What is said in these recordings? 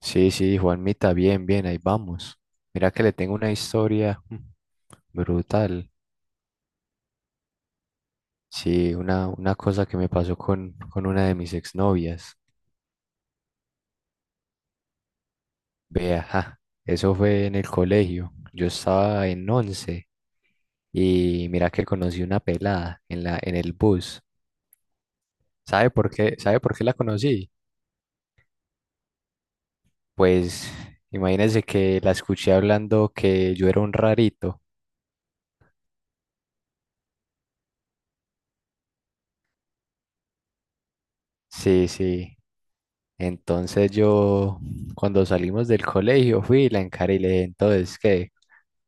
Sí, sí, Juanmita, bien, bien, ahí vamos. Mira que le tengo una historia brutal. Sí, una cosa que me pasó con una de mis exnovias. Vea, ajá. Eso fue en el colegio. Yo estaba en once y mira que conocí una pelada en el bus. ¿Sabe por qué? ¿Sabe por qué la conocí? Pues imagínense que la escuché hablando que yo era un rarito. Sí, sí. Entonces yo, cuando salimos del colegio, fui y la encaré y le dije, entonces, ¿qué?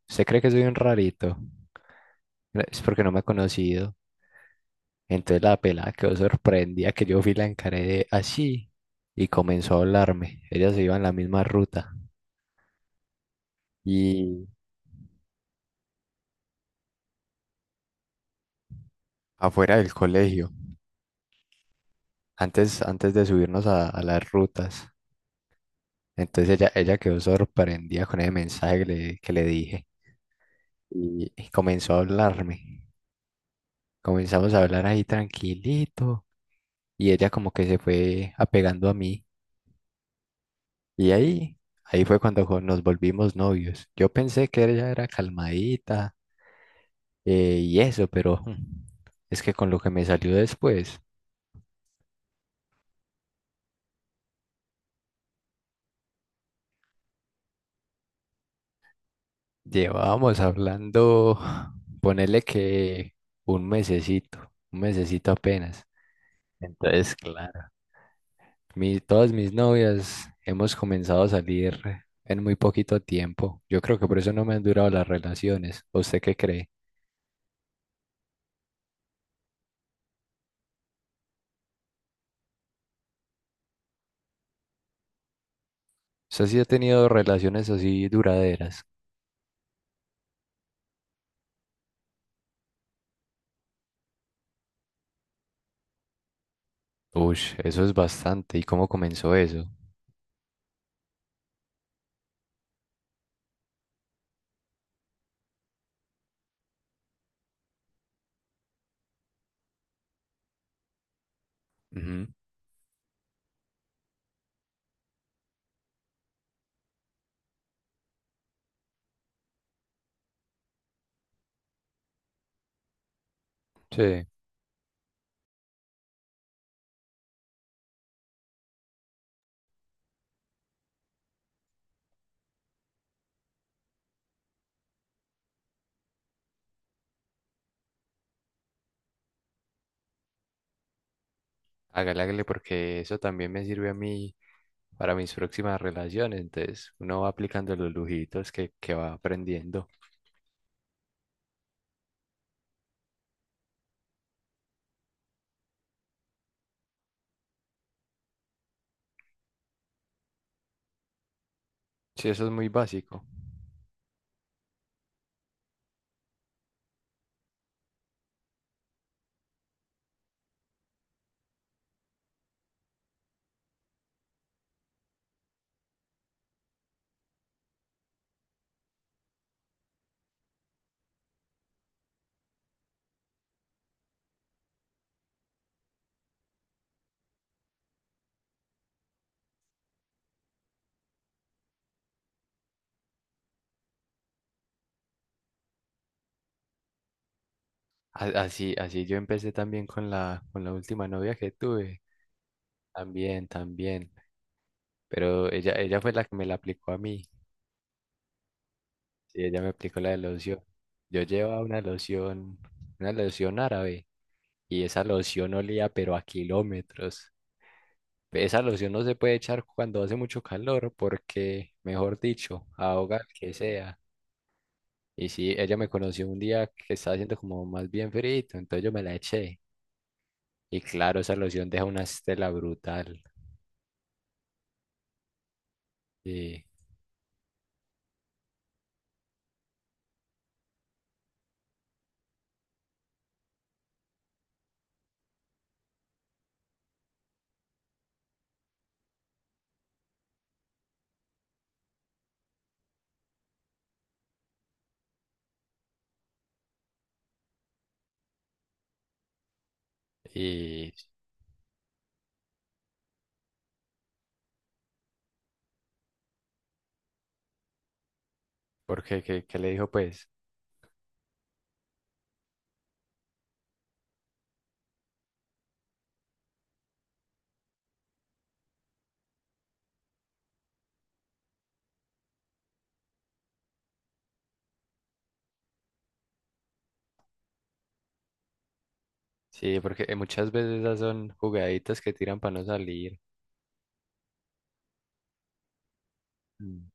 ¿Usted cree que soy un rarito? "No, es porque no me ha conocido. Entonces la pelada quedó sorprendida que yo fui y la encaré de así y comenzó a hablarme. Ella se iba en la misma ruta y afuera del colegio, antes de subirnos a las rutas. Entonces ella quedó sorprendida con el mensaje que le dije y comenzó a hablarme. Comenzamos a hablar ahí tranquilito. Y ella como que se fue apegando a mí y ahí fue cuando nos volvimos novios. Yo pensé que ella era calmadita, y eso, pero es que con lo que me salió después, llevábamos hablando, ponele que un mesecito apenas. Entonces, claro, todas mis novias hemos comenzado a salir en muy poquito tiempo. Yo creo que por eso no me han durado las relaciones. ¿Usted qué cree? ¿Usted sí ha tenido relaciones así duraderas? Uy, eso es bastante. ¿Y cómo comenzó eso? Ujú. Sí, hágale, hágale, porque eso también me sirve a mí para mis próximas relaciones. Entonces, uno va aplicando los lujitos que va aprendiendo. Sí, eso es muy básico. Así, así yo empecé también con con la última novia que tuve. También, también. Pero ella fue la que me la aplicó a mí. Sí, ella me aplicó la de loción. Yo llevaba una loción árabe. Y esa loción olía pero a kilómetros. Esa loción no se puede echar cuando hace mucho calor porque, mejor dicho, ahoga al que sea. Y sí, ella me conoció un día que estaba haciendo como más bien frío, entonces yo me la eché. Y claro, esa loción deja una estela brutal. Y, y ¿Por qué? ¿Qué le dijo pues? Sí, porque muchas veces esas son jugaditas que tiran para no salir. Mm.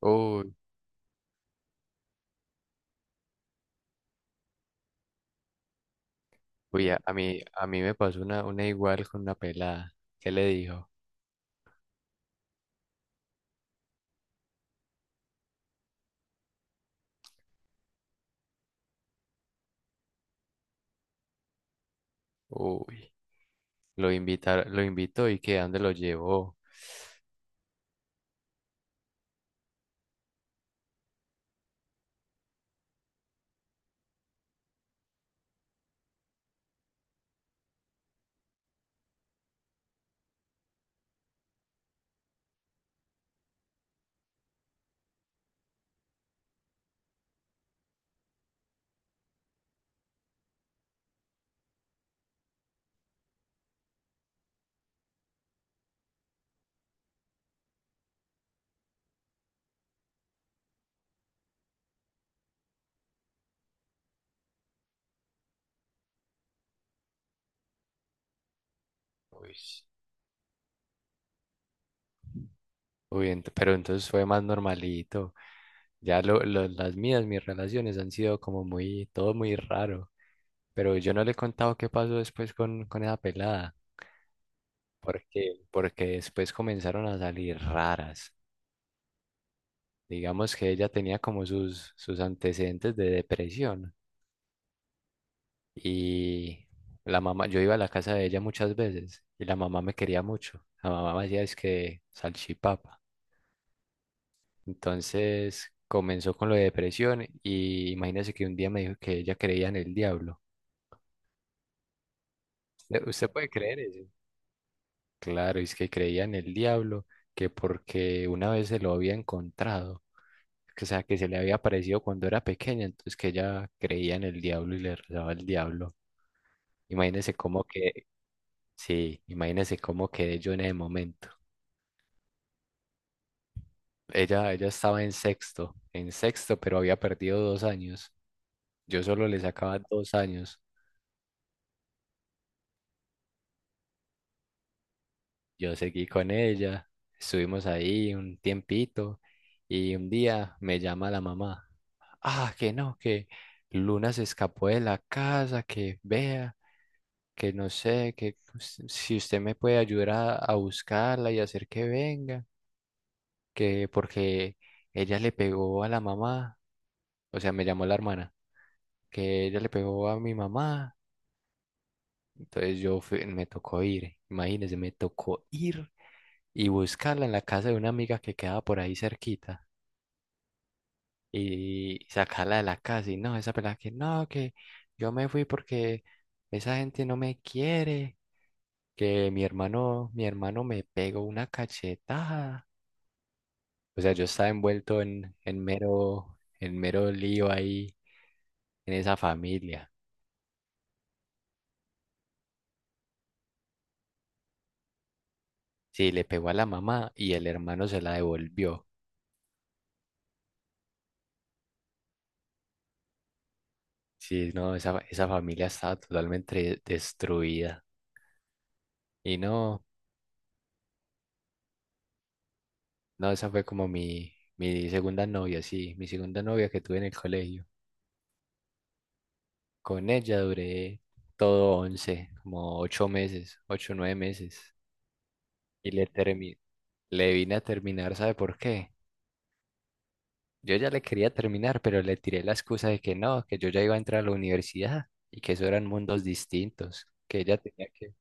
Uy, uy, a mí me pasó una igual con una pelada. ¿Qué le dijo? Uy. Lo invitó y que a dónde lo llevó. Uy, uy, pero entonces fue más normalito. Ya mis relaciones han sido como muy, todo muy raro. Pero yo no le he contado qué pasó después con esa pelada. Porque después comenzaron a salir raras. Digamos que ella tenía como sus antecedentes de depresión. Y la mamá, yo iba a la casa de ella muchas veces y la mamá me quería mucho. La mamá me hacía es que salchipapa. Entonces comenzó con lo de depresión y imagínese que un día me dijo que ella creía en el diablo. ¿Usted puede creer eso? Claro, es que creía en el diablo, que porque una vez se lo había encontrado, que, o sea, que se le había aparecido cuando era pequeña, entonces que ella creía en el diablo y le rezaba al diablo. Imagínese cómo que, sí, imagínese cómo quedé yo en ese momento. Ella estaba en sexto, pero había perdido 2 años. Yo solo le sacaba 2 años. Yo seguí con ella, estuvimos ahí un tiempito y un día me llama la mamá. Ah, que no, que Luna se escapó de la casa, que vea, que no sé, que si usted me puede ayudar a buscarla y hacer que venga, que porque ella le pegó a la mamá, o sea, me llamó la hermana, que ella le pegó a mi mamá, entonces me tocó ir, imagínese, me tocó ir y buscarla en la casa de una amiga que quedaba por ahí cerquita. Y sacarla de la casa. Y no, esa pelada que no, que yo me fui porque esa gente no me quiere, que mi hermano, me pegó una cachetada. O sea, yo estaba envuelto en mero lío ahí, en esa familia. Sí, le pegó a la mamá y el hermano se la devolvió. Sí, no, esa familia estaba totalmente destruida. Y no, no, esa fue como mi segunda novia, sí, mi segunda novia que tuve en el colegio. Con ella duré todo 11, como 8 meses, 8 o 9 meses. Y le vine a terminar, ¿sabe por qué? Yo ya le quería terminar, pero le tiré la excusa de que no, que yo ya iba a entrar a la universidad y que eso eran mundos distintos,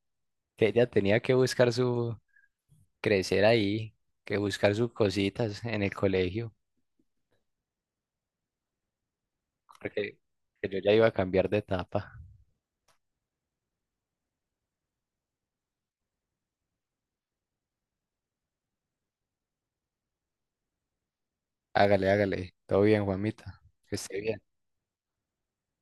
que ella tenía que buscar su crecer ahí, que buscar sus cositas en el colegio, porque que yo ya iba a cambiar de etapa. Hágale, hágale. Todo bien, Juanita. Que esté bien.